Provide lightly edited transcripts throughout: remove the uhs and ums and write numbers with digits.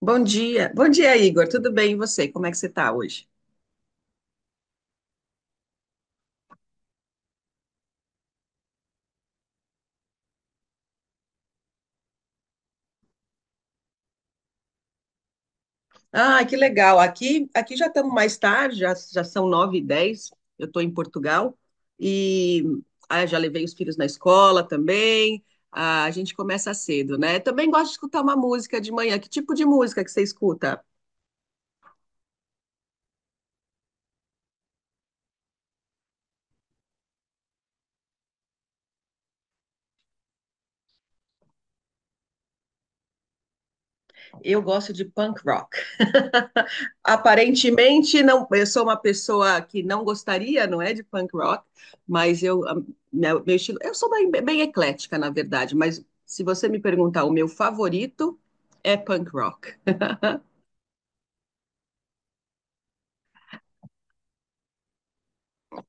Bom dia. Bom dia, Igor. Tudo bem? E você? Como é que você está hoje? Ah, que legal. Aqui, já estamos mais tarde, já são 9h10. Eu estou em Portugal e já levei os filhos na escola também. Ah, a gente começa cedo, né? Também gosto de escutar uma música de manhã. Que tipo de música que você escuta? Eu gosto de punk rock. Aparentemente, não, eu sou uma pessoa que não gostaria, não é, de punk rock, mas meu estilo, eu sou bem, bem eclética, na verdade, mas se você me perguntar, o meu favorito é punk rock.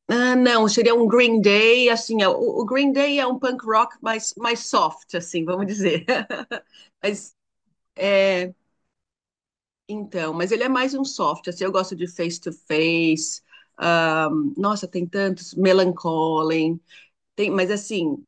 Ah, não, seria um Green Day, assim, o Green Day é um punk rock mais soft, assim, vamos dizer. Mas, é, então, mas ele é mais um soft, assim, eu gosto de Face to Face, ah, nossa, tem tantos, Melancholy, tem, mas assim,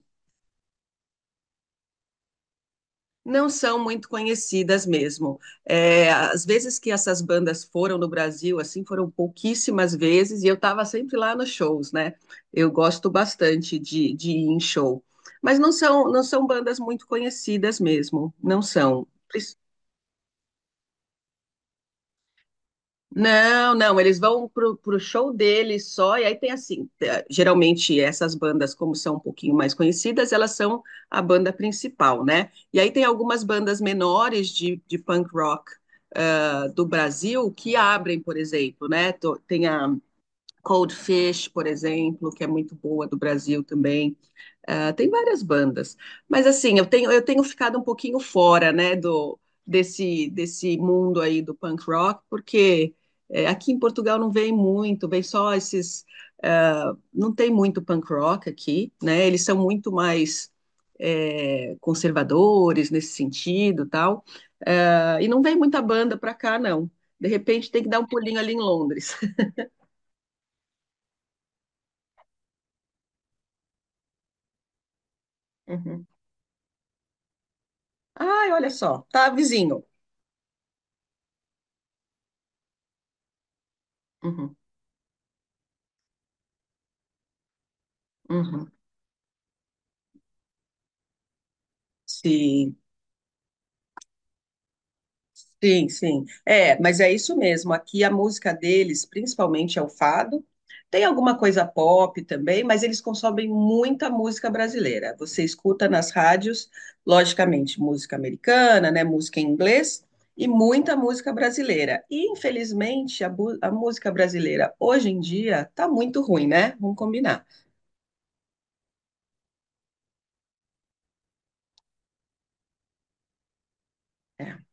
não são muito conhecidas mesmo. É, às vezes que essas bandas foram no Brasil, assim, foram pouquíssimas vezes, e eu estava sempre lá nos shows, né? Eu gosto bastante de ir em show. Mas não são, não são bandas muito conhecidas mesmo, não são. Não, não, eles vão pro show deles só, e aí tem assim, geralmente essas bandas, como são um pouquinho mais conhecidas, elas são a banda principal, né? E aí tem algumas bandas menores de punk rock, do Brasil que abrem, por exemplo, né? Tem a Cold Fish, por exemplo, que é muito boa do Brasil também. Ah, tem várias bandas, mas assim, eu tenho ficado um pouquinho fora, né, do desse desse mundo aí do punk rock, porque aqui em Portugal não vem muito, vem só esses, não tem muito punk rock aqui, né? Eles são muito mais conservadores nesse sentido, tal. Ah, e não vem muita banda para cá, não. De repente tem que dar um pulinho ali em Londres. Uhum. Ai, olha só, tá vizinho. Uhum, uhum. Sim. Sim, sim. É, mas é isso mesmo. Aqui a música deles, principalmente, é o fado. Tem alguma coisa pop também, mas eles consomem muita música brasileira. Você escuta nas rádios, logicamente, música americana, né, música em inglês e muita música brasileira. E infelizmente a música brasileira hoje em dia tá muito ruim, né? Vamos combinar. É.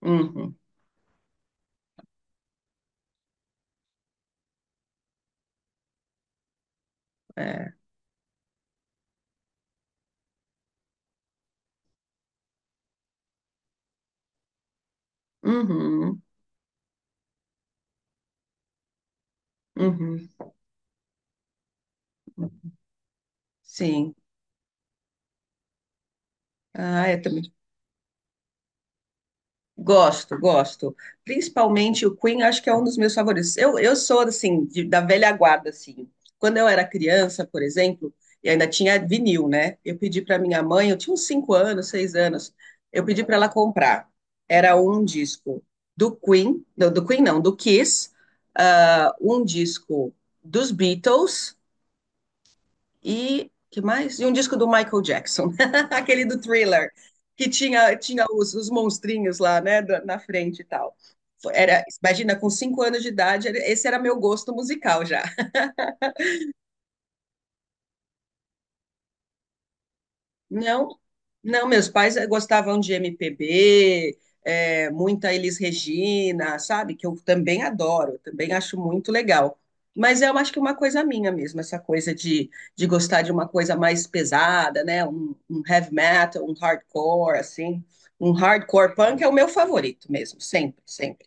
Uhum, é. Uhum, uhum. Sim. Ah, é também. Gosto, gosto. Principalmente o Queen, acho que é um dos meus favoritos. Eu sou, assim, da velha guarda, assim. Quando eu era criança, por exemplo, e ainda tinha vinil, né? Eu pedi para minha mãe, eu tinha uns 5 anos, 6 anos, eu pedi para ela comprar. Era um disco do Queen, não, do Queen não, do Kiss, um disco dos Beatles e que mais? E um disco do Michael Jackson, aquele do Thriller, que tinha, tinha os monstrinhos lá, né, na frente e tal. Era, imagina, com 5 anos de idade, esse era meu gosto musical já. Não, não, meus pais gostavam de MPB, muita Elis Regina, sabe? Que eu também adoro, também acho muito legal. Mas eu acho que é uma coisa minha mesmo, essa coisa de gostar de uma coisa mais pesada, né? Um heavy metal, um hardcore, assim. Um hardcore punk é o meu favorito mesmo, sempre, sempre.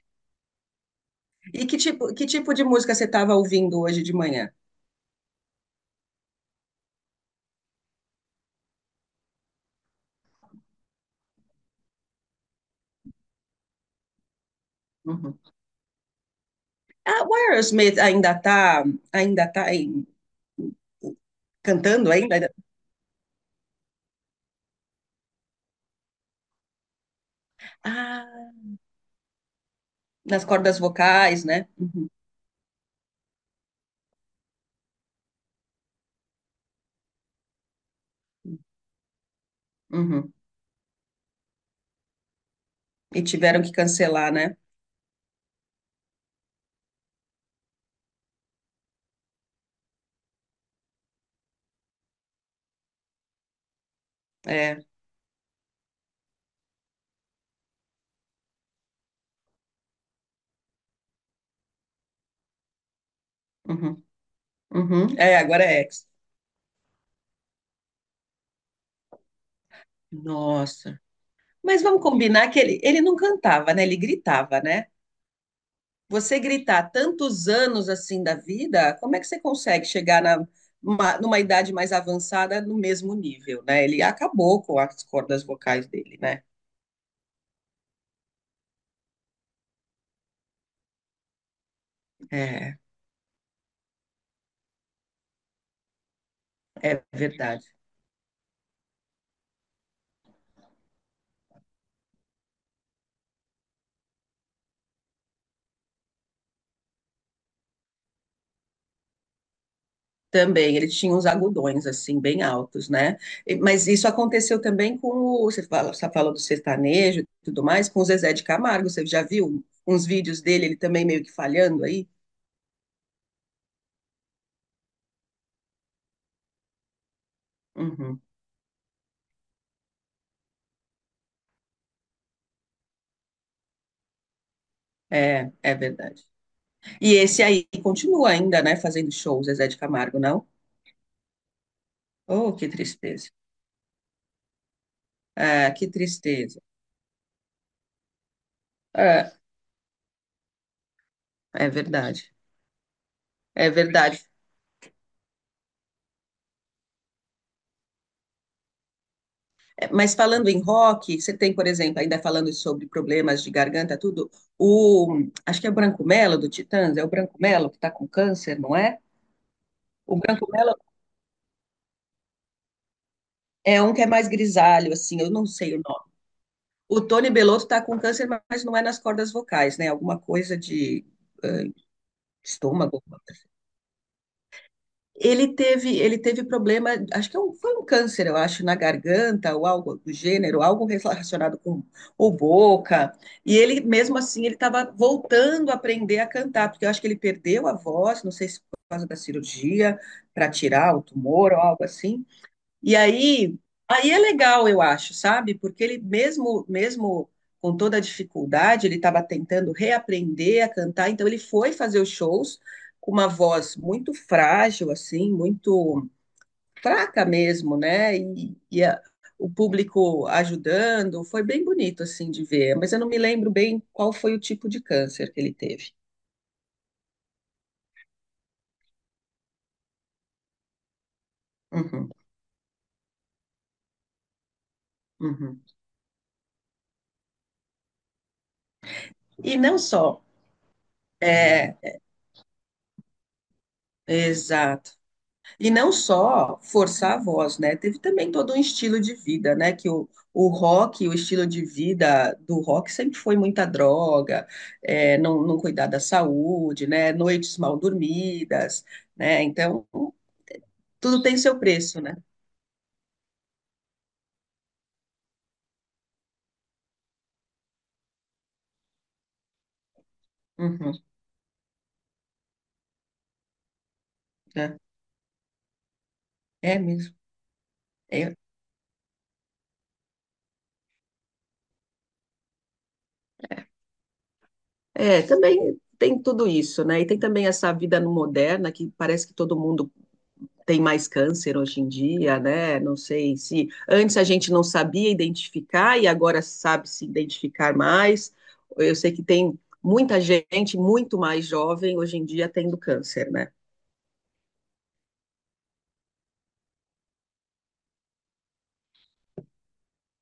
E que tipo de música você estava ouvindo hoje de manhã? Uhum. Ah, o Aerosmith ainda tá cantando ainda? Ainda- Nas cordas vocais, né? Uhum, uhum. E tiveram que cancelar, né? É, uhum, uhum. É, agora é ex. Nossa. Mas vamos combinar que ele não cantava, né? Ele gritava, né? Você gritar tantos anos assim da vida, como é que você consegue chegar na, numa idade mais avançada no mesmo nível, né? Ele acabou com as cordas vocais dele, né? É, é verdade. Também, ele tinha uns agudões, assim, bem altos, né? Mas isso aconteceu também com o. Você fala, você falou do sertanejo e tudo mais, com o Zezé de Camargo. Você já viu uns vídeos dele, ele também meio que falhando aí? Uhum. É, é verdade. E esse aí continua ainda, né, fazendo shows, Zezé de Camargo, não? Oh, que tristeza. Ah, que tristeza. É, é verdade. É verdade. Mas falando em rock, você tem, por exemplo, ainda falando sobre problemas de garganta, tudo, acho que é o Branco Melo do Titãs, é o Branco Melo que está com câncer, não é? O Branco Melo é um que é mais grisalho, assim, eu não sei o nome. O Tony Belotto está com câncer, mas não é nas cordas vocais, né? Alguma coisa de estômago, alguma. Ele teve problema, acho que foi um câncer, eu acho, na garganta ou algo do gênero, algo relacionado com ou boca. E ele, mesmo assim, ele estava voltando a aprender a cantar, porque eu acho que ele perdeu a voz, não sei se por causa da cirurgia, para tirar o tumor ou algo assim. E aí é legal, eu acho, sabe? Porque ele mesmo, mesmo com toda a dificuldade, ele estava tentando reaprender a cantar, então ele foi fazer os shows com uma voz muito frágil, assim, muito fraca mesmo, né? E o público ajudando, foi bem bonito, assim, de ver. Mas eu não me lembro bem qual foi o tipo de câncer que ele teve. Uhum, uhum. E não só. É, exato. E não só forçar a voz, né? Teve também todo um estilo de vida, né? Que o rock, o estilo de vida do rock sempre foi muita droga, não cuidar da saúde, né? Noites mal dormidas, né? Então, tudo tem seu preço, né? Uhum, é, é mesmo. É, é, também tem tudo isso, né? E tem também essa vida no moderna que parece que todo mundo tem mais câncer hoje em dia, né? Não sei se antes a gente não sabia identificar e agora sabe se identificar mais. Eu sei que tem muita gente muito mais jovem hoje em dia tendo câncer, né?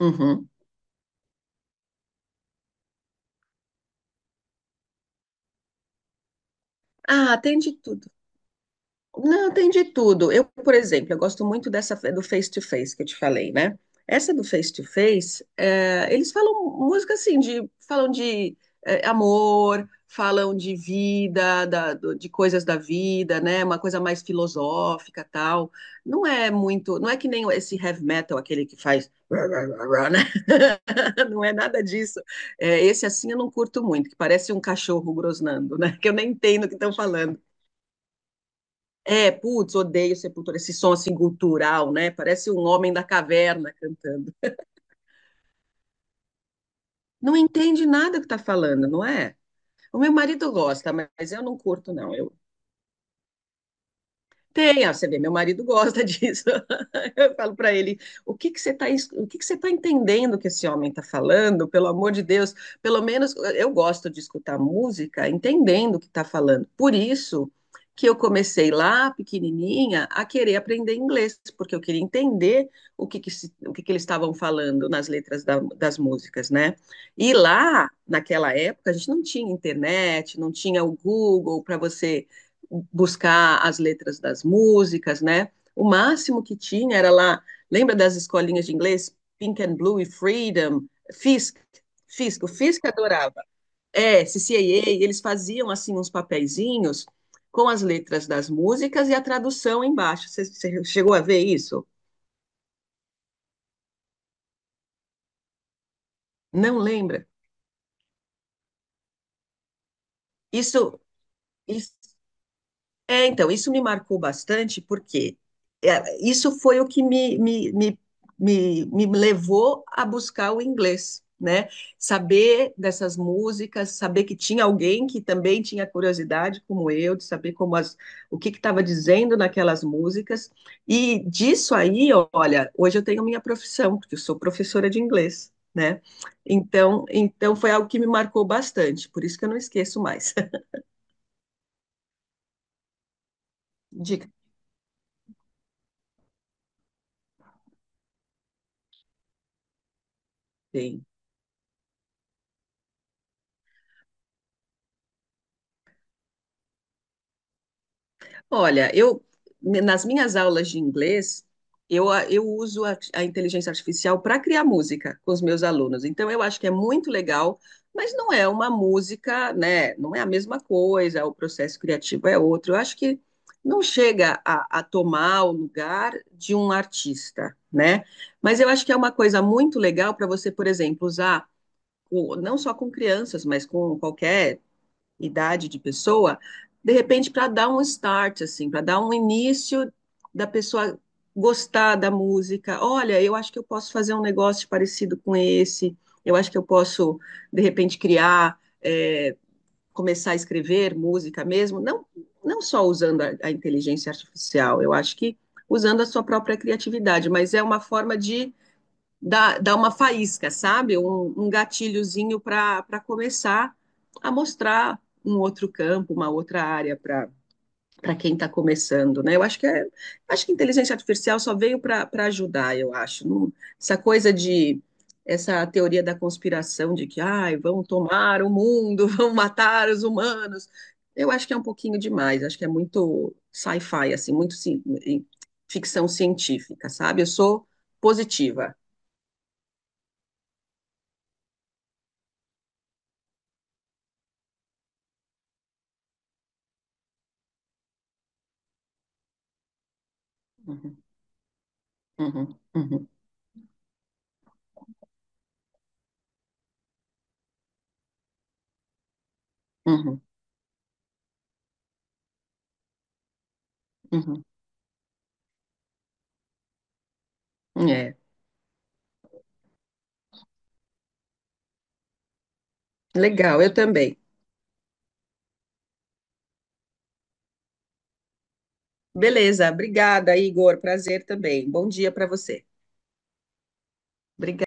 Uhum. Ah, tem de tudo. Não, tem de tudo. Eu, por exemplo, eu gosto muito do face-to-face que eu te falei, né? Essa do face-to-face, eles falam música assim, falam de amor, falam de vida, de coisas da vida, né? Uma coisa mais filosófica, tal. Não é muito, não é que nem esse heavy metal, aquele que faz, né? Não é nada disso. É, esse assim eu não curto muito, que parece um cachorro grosnando, né? Que eu nem entendo o que estão falando. É, putz, odeio Sepultura, esse som assim cultural, né? Parece um homem da caverna cantando. Não entende nada que tá falando, não é? O meu marido gosta, mas eu não curto, não. Tem, você vê, meu marido gosta disso. Eu falo para ele, o que que você está, o que que você tá entendendo que esse homem está falando? Pelo amor de Deus, pelo menos eu gosto de escutar música entendendo o que está falando. Por isso que eu comecei lá, pequenininha, a querer aprender inglês, porque eu queria entender o que que, se- o que que eles estavam falando nas letras das músicas, né? E lá, naquela época, a gente não tinha internet, não tinha o Google para você buscar as letras das músicas, né? O máximo que tinha era lá, lembra das escolinhas de inglês? Pink and Blue e Freedom, Fisk, Fisk, o Fisk adorava. É, CCAA, eles faziam assim uns papeizinhos com as letras das músicas e a tradução embaixo. Você chegou a ver isso? Não lembra? Isso, isso. É, então, isso me marcou bastante, porque isso foi o que me levou a buscar o inglês, né? Saber dessas músicas, saber que tinha alguém que também tinha curiosidade, como eu, de saber o que estava dizendo naquelas músicas. E disso aí, olha, hoje eu tenho minha profissão, porque eu sou professora de inglês, né? Então, foi algo que me marcou bastante, por isso que eu não esqueço mais. Dica. Olha, eu nas minhas aulas de inglês, eu uso a inteligência artificial para criar música com os meus alunos. Então, eu acho que é muito legal, mas não é uma música, né? Não é a mesma coisa, o processo criativo é outro. Eu acho que não chega a tomar o lugar de um artista, né? Mas eu acho que é uma coisa muito legal para você, por exemplo, usar. Não só com crianças, mas com qualquer idade de pessoa, de repente para dar um start, assim, para dar um início da pessoa gostar da música. Olha, eu acho que eu posso fazer um negócio parecido com esse. Eu acho que eu posso, de repente, criar, começar a escrever música mesmo. Não, não só usando a inteligência artificial. Eu acho que usando a sua própria criatividade, mas é uma forma de dá uma faísca, sabe? Um gatilhozinho para começar a mostrar um outro campo, uma outra área para quem está começando, né? Eu acho que acho que a inteligência artificial só veio para ajudar, eu acho. Essa coisa de essa teoria da conspiração de que, ai, vão tomar o mundo, vão matar os humanos. Eu acho que é um pouquinho demais, acho que é muito sci-fi, assim, muito ficção científica, sabe? Eu sou positiva. Uhum. Uhum, uhum, uhum, uhum. É, legal, eu também. Beleza, obrigada, Igor. Prazer também. Bom dia para você. Obrigada.